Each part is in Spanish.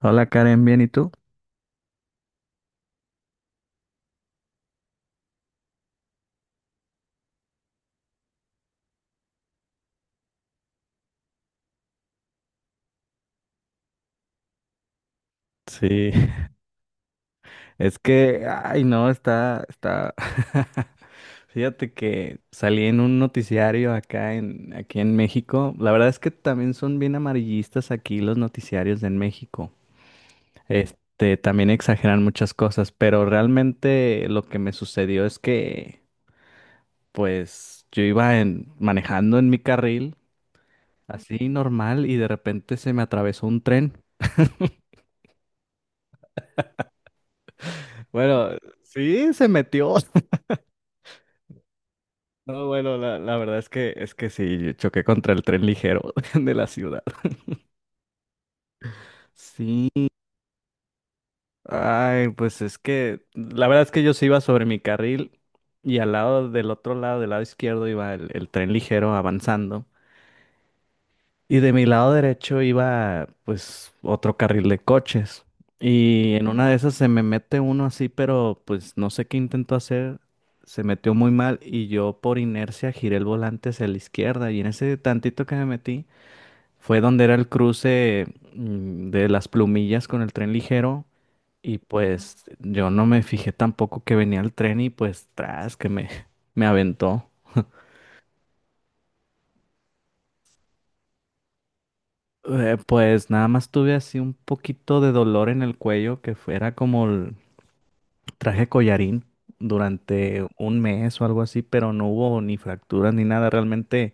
Hola Karen, ¿bien y tú? Sí, es que, ay, no, está. Fíjate que salí en un noticiario aquí en México. La verdad es que también son bien amarillistas aquí los noticiarios en México. También exageran muchas cosas, pero realmente lo que me sucedió es que, pues, manejando en mi carril, así normal, y de repente se me atravesó un tren. Bueno, sí, se metió. No, bueno, la verdad es que sí, yo choqué contra el tren ligero de la ciudad. Sí, ay, pues es que la verdad es que yo sí iba sobre mi carril y al lado del otro lado, del lado izquierdo, iba el tren ligero avanzando y de mi lado derecho iba pues otro carril de coches, y en una de esas se me mete uno así, pero pues no sé qué intentó hacer, se metió muy mal y yo por inercia giré el volante hacia la izquierda, y en ese tantito que me metí fue donde era el cruce de las plumillas con el tren ligero, y pues yo no me fijé tampoco que venía el tren y pues tras me aventó. Pues nada más tuve así un poquito de dolor en el cuello, que fuera como el, traje collarín durante un mes o algo así, pero no hubo ni fracturas ni nada. Realmente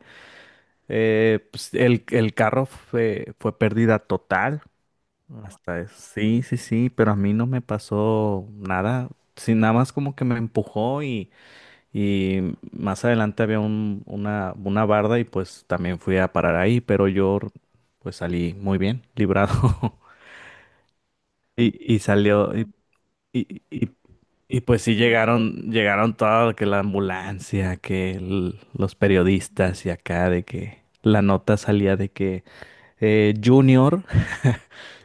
pues, el carro fue pérdida total. Hasta eso. Sí, sí, sí, pero a mí no me pasó nada. Sí, nada más como que me empujó, y más adelante había una barda y pues también fui a parar ahí, pero yo pues salí muy bien, librado. Y, y salió, y, y, y, pues sí llegaron, llegaron todo, que la ambulancia, que los periodistas y acá de que la nota salía de que Junior,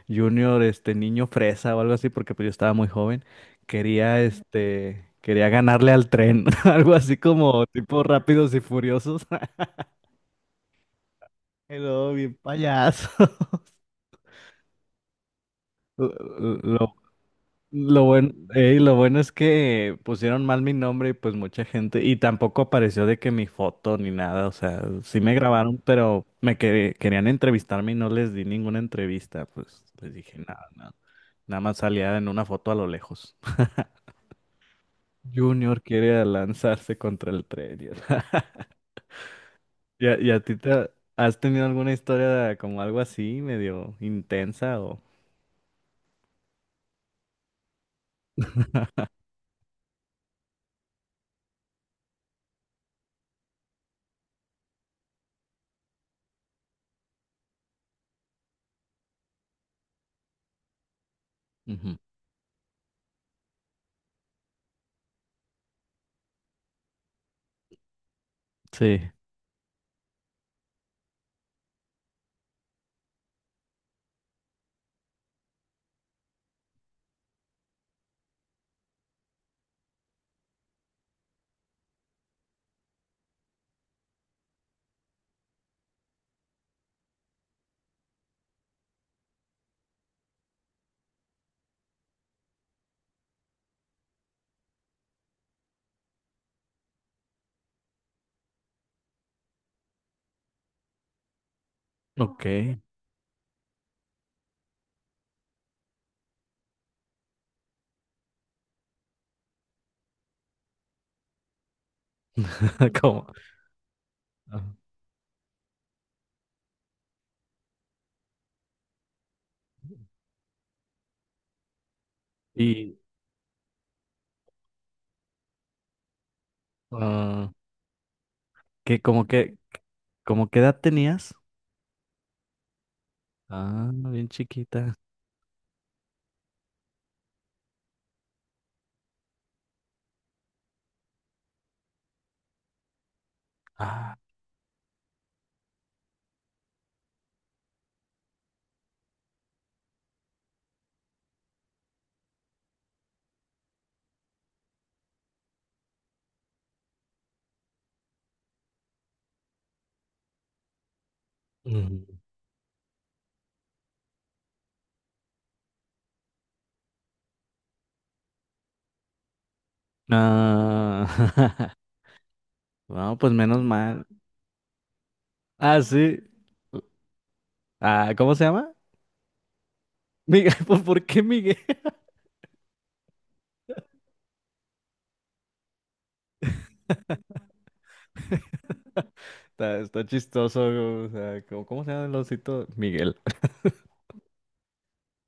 Junior, este niño fresa o algo así, porque pues yo estaba muy joven, quería ganarle al tren, algo así como tipo Rápidos y Furiosos, y luego bien payaso. Lo, lo, lo bueno, ey, lo bueno es que pusieron mal mi nombre y pues mucha gente, y tampoco apareció de que mi foto ni nada, o sea, sí me grabaron, pero me querían entrevistarme y no les di ninguna entrevista, pues les dije nada, nada, nada más salía en una foto a lo lejos. Junior quiere lanzarse contra el tren. Y, ¿Y y a ti te has tenido alguna historia como algo así, medio intensa o? Ujú. Sí, ok. Como, ah, y ah, que como qué edad tenías? Ah, bien chiquita. Ah. Ujú. Ah, no, pues menos mal. Ah, sí. Ah, ¿cómo se llama? Miguel, por qué Miguel? Está chistoso, o sea, cómo se llama el osito? Miguel.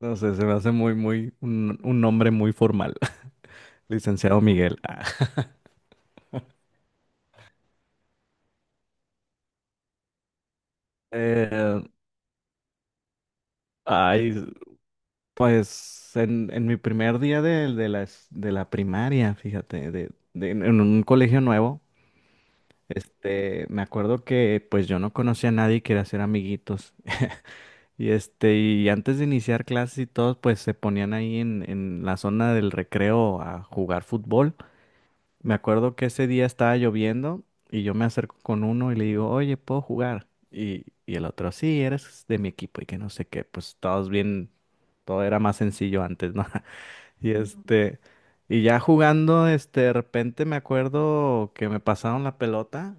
No sé, se me hace muy, un nombre muy formal. Licenciado Miguel. Ah. Eh, ay, pues en mi primer día de la primaria, fíjate, en un colegio nuevo, me acuerdo que pues yo no conocía a nadie y quería hacer amiguitos. Y antes de iniciar clases y todo, pues se ponían ahí en la zona del recreo a jugar fútbol. Me acuerdo que ese día estaba lloviendo y yo me acerco con uno y le digo, oye, ¿puedo jugar? Y el otro, sí, eres de mi equipo y que no sé qué, pues todos bien, todo era más sencillo antes, ¿no? Y este, y ya jugando, de repente me acuerdo que me pasaron la pelota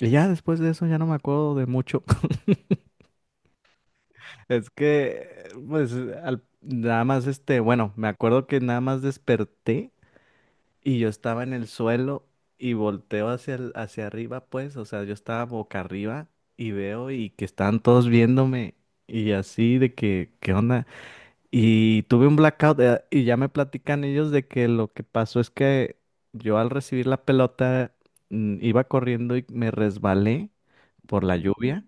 y ya después de eso ya no me acuerdo de mucho. Es que, pues, nada más, bueno, me acuerdo que nada más desperté. Y yo estaba en el suelo y volteo hacia arriba, pues, o sea, yo estaba boca arriba, y veo y que estaban todos viéndome y así de que, ¿qué onda? Y tuve un blackout, y ya me platican ellos de que lo que pasó es que yo al recibir la pelota iba corriendo y me resbalé por la lluvia.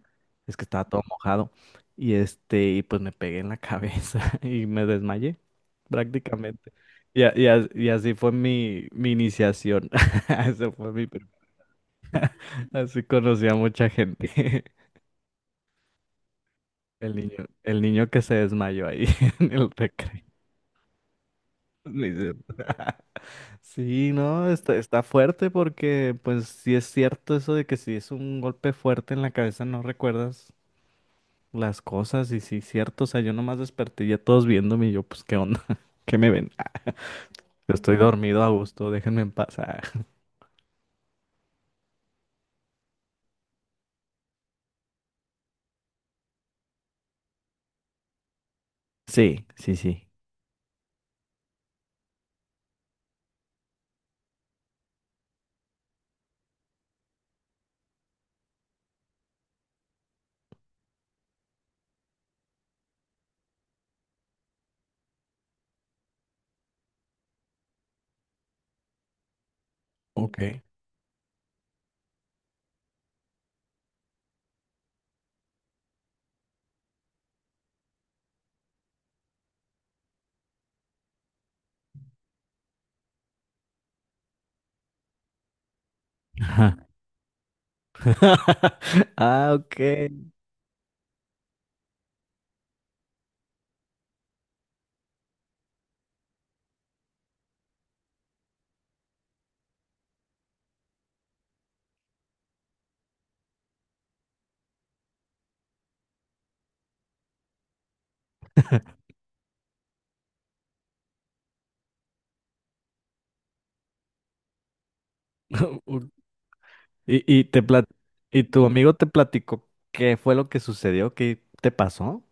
Es que estaba todo mojado. Y pues me pegué en la cabeza y me desmayé prácticamente. Y así fue mi iniciación. Eso fue mi primer- Así conocí a mucha gente. El niño que se desmayó ahí en el recreo. Ni siquiera. Sí, no, está fuerte, porque pues sí es cierto eso de que si es un golpe fuerte en la cabeza no recuerdas las cosas, y sí es cierto, o sea, yo nomás desperté y ya todos viéndome y yo pues qué onda, qué me ven. Ah, yo estoy dormido a gusto, déjenme en paz. Ah, sí, sí, sí. Ok. Ajá. Ah, ok. O- ¿Y, y tu amigo te platicó qué fue lo que sucedió, qué te pasó?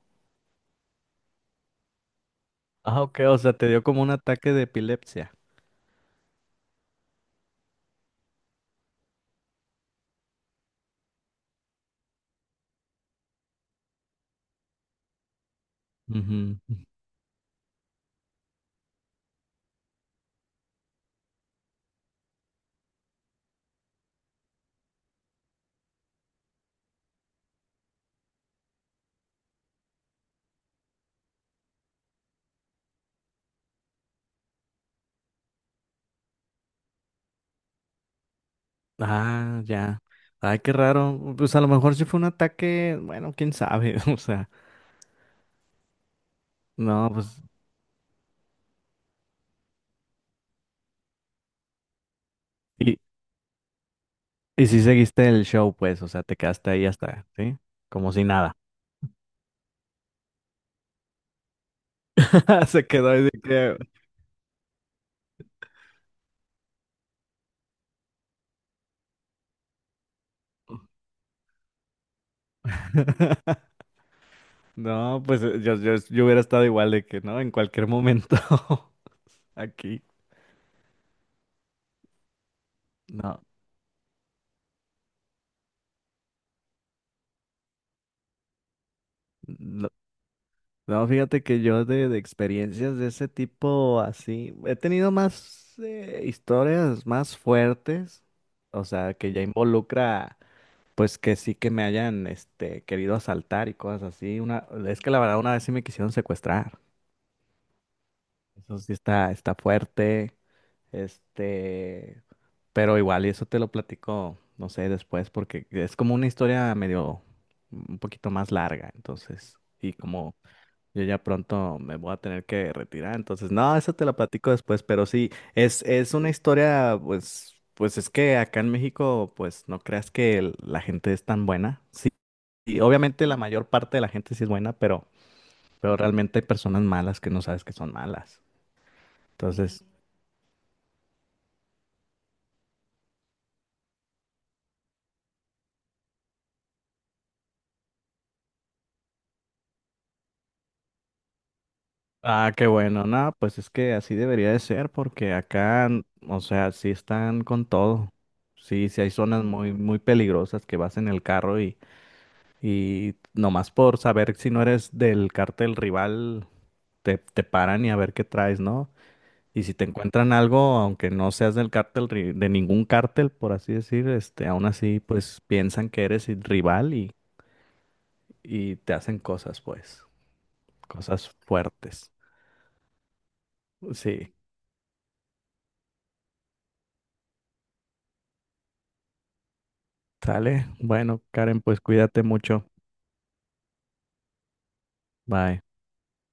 Ah, ok, o sea, te dio como un ataque de epilepsia. Ujú. Ah, ya. Ay, qué raro. Pues a lo mejor sí fue un ataque, bueno, quién sabe. O sea, no, pues. Y, y sí seguiste el show, pues, o sea, te quedaste ahí hasta, ¿sí? Como si nada. Se quedó ahí de que. No, pues yo hubiera estado igual de que, ¿no? En cualquier momento aquí. No, no, no, fíjate que yo de experiencias de ese tipo así, he tenido más, historias más fuertes, o sea, que ya involucra, pues que sí que me hayan, querido asaltar y cosas así. Una, es que la verdad una vez sí me quisieron secuestrar. Eso sí está fuerte. Este, pero igual, y eso te lo platico, no sé, después, porque es como una historia medio, un poquito más larga. Entonces, y como yo ya pronto me voy a tener que retirar. Entonces, no, eso te lo platico después, pero sí, es una historia, pues, pues es que acá en México, pues no creas que la gente es tan buena. Sí, y obviamente la mayor parte de la gente sí es buena, pero realmente hay personas malas que no sabes que son malas. Entonces, ah, qué bueno, no, pues es que así debería de ser, porque acá, o sea, sí están con todo. Sí, sí hay zonas muy peligrosas que vas en el carro, y nomás por saber si no eres del cártel rival, te paran y a ver qué traes, ¿no? Y si te encuentran algo, aunque no seas del cártel, de ningún cártel, por así decir, aún así, pues piensan que eres el rival, y te hacen cosas, pues, cosas fuertes. Sí, sale. Bueno, Karen, pues cuídate mucho. Bye.